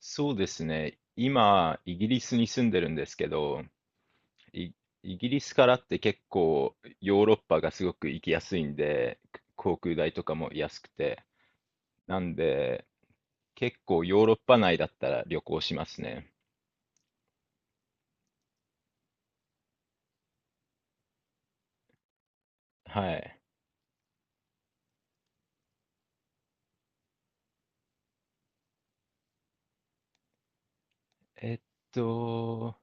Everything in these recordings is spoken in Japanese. そうですね。今、イギリスに住んでるんですけど、イ、イギリスからって結構ヨーロッパがすごく行きやすいんで、航空代とかも安くて。なんで、結構ヨーロッパ内だったら旅行しますね。はい。えっと、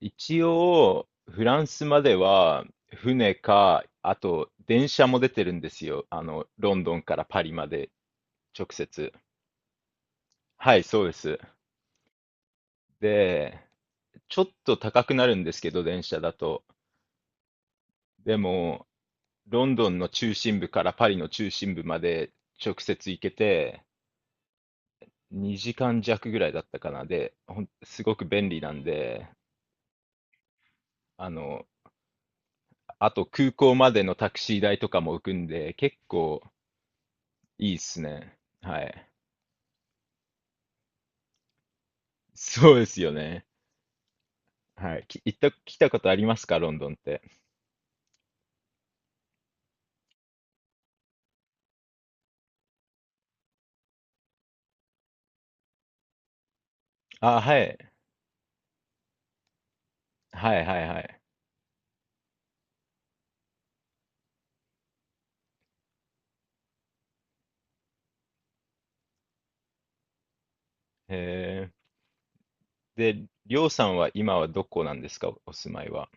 一応、フランスまでは船か、あと電車も出てるんですよ。ロンドンからパリまで直接。はい、そうです。で、ちょっと高くなるんですけど、電車だと。でも、ロンドンの中心部からパリの中心部まで直接行けて、2時間弱ぐらいだったかな。で、すごく便利なんで、あの、あと空港までのタクシー代とかも浮くんで、結構いいっすね。はい。そうですよね。はい。き、行った、来たことありますか、ロンドンって。あ、はい。はいはいはい。えー、で、りょうさんは今はどこなんですか、お住まいは。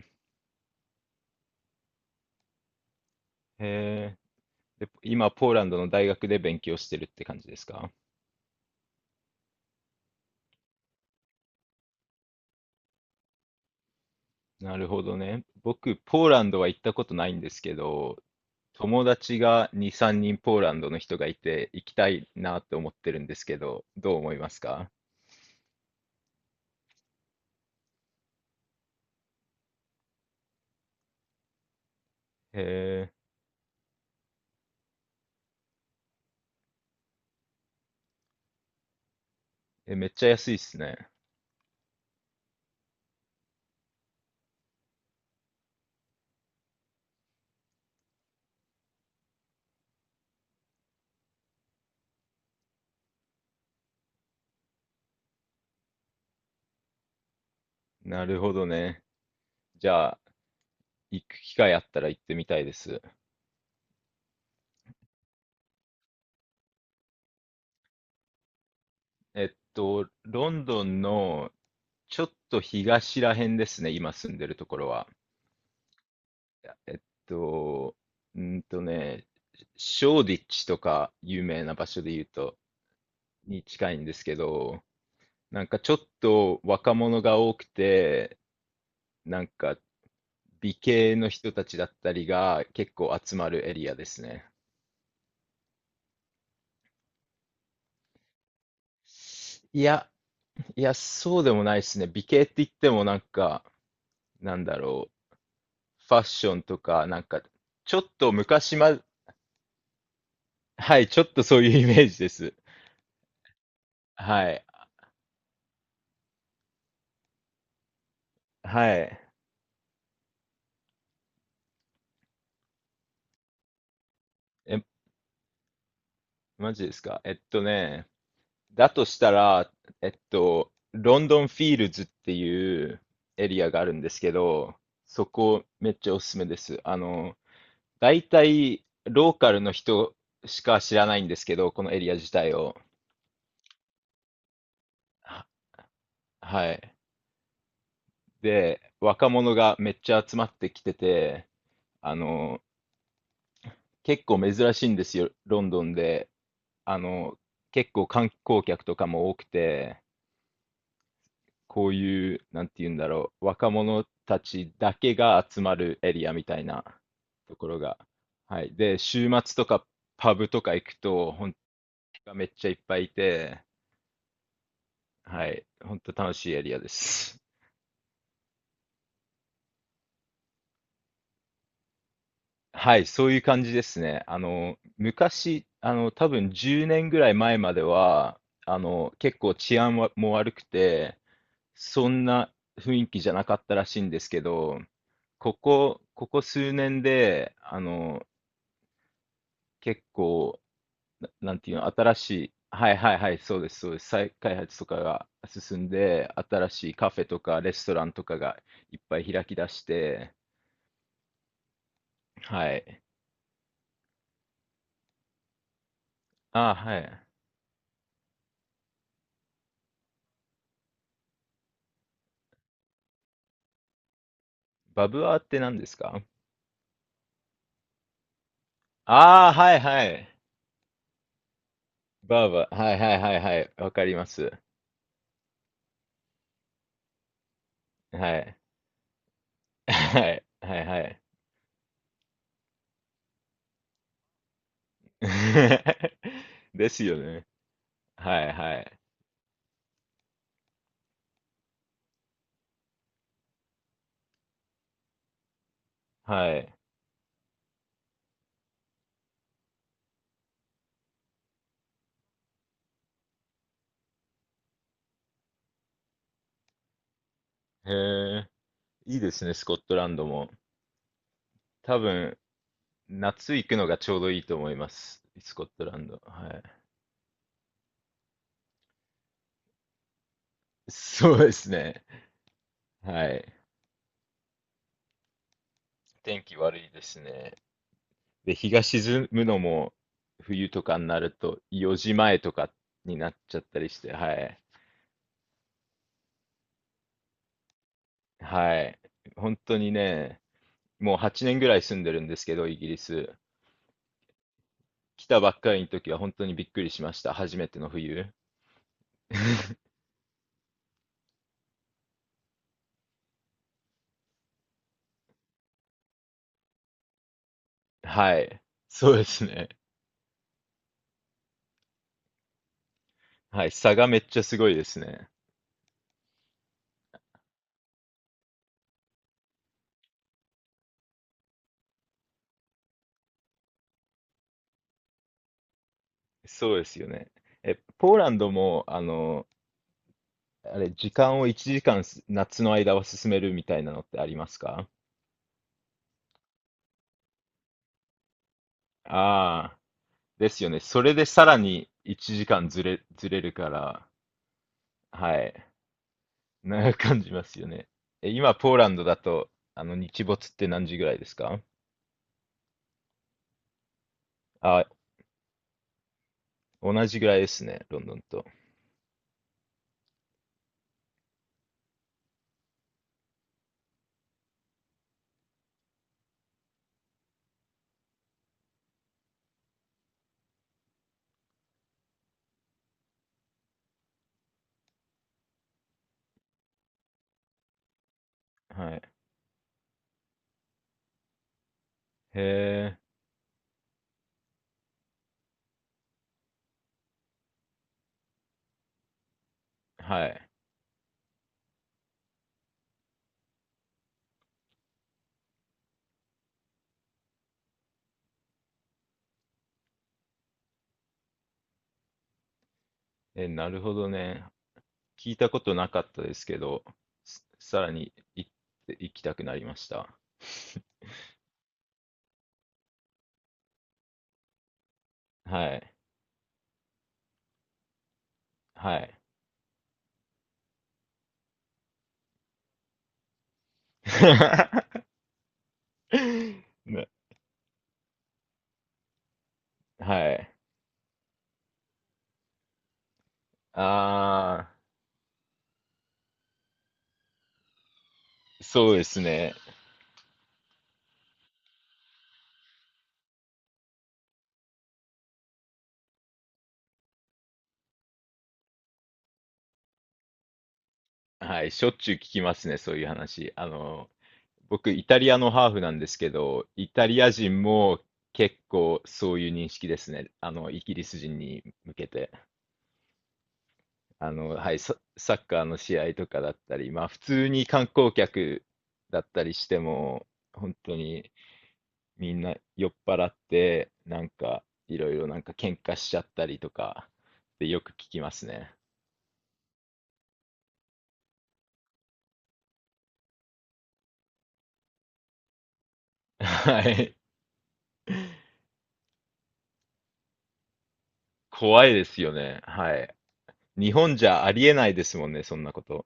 へえ。で、今、ポーランドの大学で勉強してるって感じですか？なるほどね。僕、ポーランドは行ったことないんですけど、友達が2、3人ポーランドの人がいて、行きたいなって思ってるんですけど、どう思いますか？へえ。え、めっちゃ安いっすね。なるほどね。じゃあ、行く機会あったら行ってみたいです。えっと、ロンドンのちょっと東ら辺ですね、今住んでるところは。えっと、うーんとね、ショーディッチとか有名な場所で言うと、に近いんですけど、なんかちょっと若者が多くて、なんか美形の人たちだったりが結構集まるエリアですね。いや、いや、そうでもないですね。美形って言ってもなんか、なんだろう、ファッションとか、なんか、ちょっと昔ま、はい、ちょっとそういうイメージです。はい、はい。マジですか。えっとね、だとしたら、えっと、ロンドンフィールズっていうエリアがあるんですけど、そこめっちゃおすすめです。大体ローカルの人しか知らないんですけど、このエリア自体を。は、はい。で、若者がめっちゃ集まってきてて、あの、結構珍しいんですよ、ロンドンで。あの、結構観光客とかも多くて、こういう、なんて言うんだろう、若者たちだけが集まるエリアみたいなところが。はい。で、週末とかパブとか行くと、本当がめっちゃいっぱいいて、はい。本当楽しいエリアです。はい。そういう感じですね。あの、昔、多分10年ぐらい前までは、結構治安はも悪くて、そんな雰囲気じゃなかったらしいんですけど、ここ数年で、あの、結構、なんていうの、新しい、はいはいはい、そうです、そうです。再開発とかが進んで、新しいカフェとかレストランとかがいっぱい開き出して、はい。ああ、はい。バブアーって何ですか？ああはいはい。バーバー、はいはいはいはい、わかります。はい。はい、はい、はい。ですよね。はい、はい、はい。へえ、いいですね、スコットランドも。多分、夏行くのがちょうどいいと思います。スコットランド。はい。そうですね。はい。天気悪いですね。で、日が沈むのも冬とかになると4時前とかになっちゃったりして、はい。はい。本当にね、もう8年ぐらい住んでるんですけど、イギリス。来たばっかりの時は本当にびっくりしました。初めての冬。はい。そうですね。はい。差がめっちゃすごいですね。そうですよね。え、ポーランドも、あの、あれ、時間を1時間す夏の間は進めるみたいなのってありますか？ああ、ですよね。それでさらに1時間ずれるから、はい。長く感じますよね。え、今、ポーランドだと、あの、日没って何時ぐらいですか？あ、同じぐらいですね、ロンドンと。はい。へえ、はい。え、なるほどね。聞いたことなかったですけど、すさらに行って行きたくなりました。はい。はい。ね、はい。ああ、そうですね。はい。しょっちゅう聞きますね、そういう話。あの、僕、イタリアのハーフなんですけど、イタリア人も結構そういう認識ですね。あの、イギリス人に向けて。あの、はい、サッカーの試合とかだったり、まあ普通に観光客だったりしても、本当にみんな酔っ払って、なんかいろいろなんか喧嘩しちゃったりとかってよく聞きますね。はい。怖いですよね。はい。日本じゃありえないですもんね、そんなこと。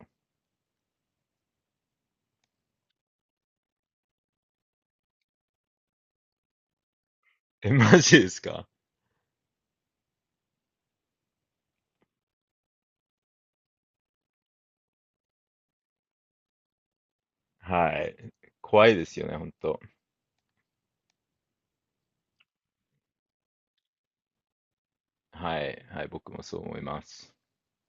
え、マジですか？はい。怖いですよね、本当。はい。はい、僕もそう思います。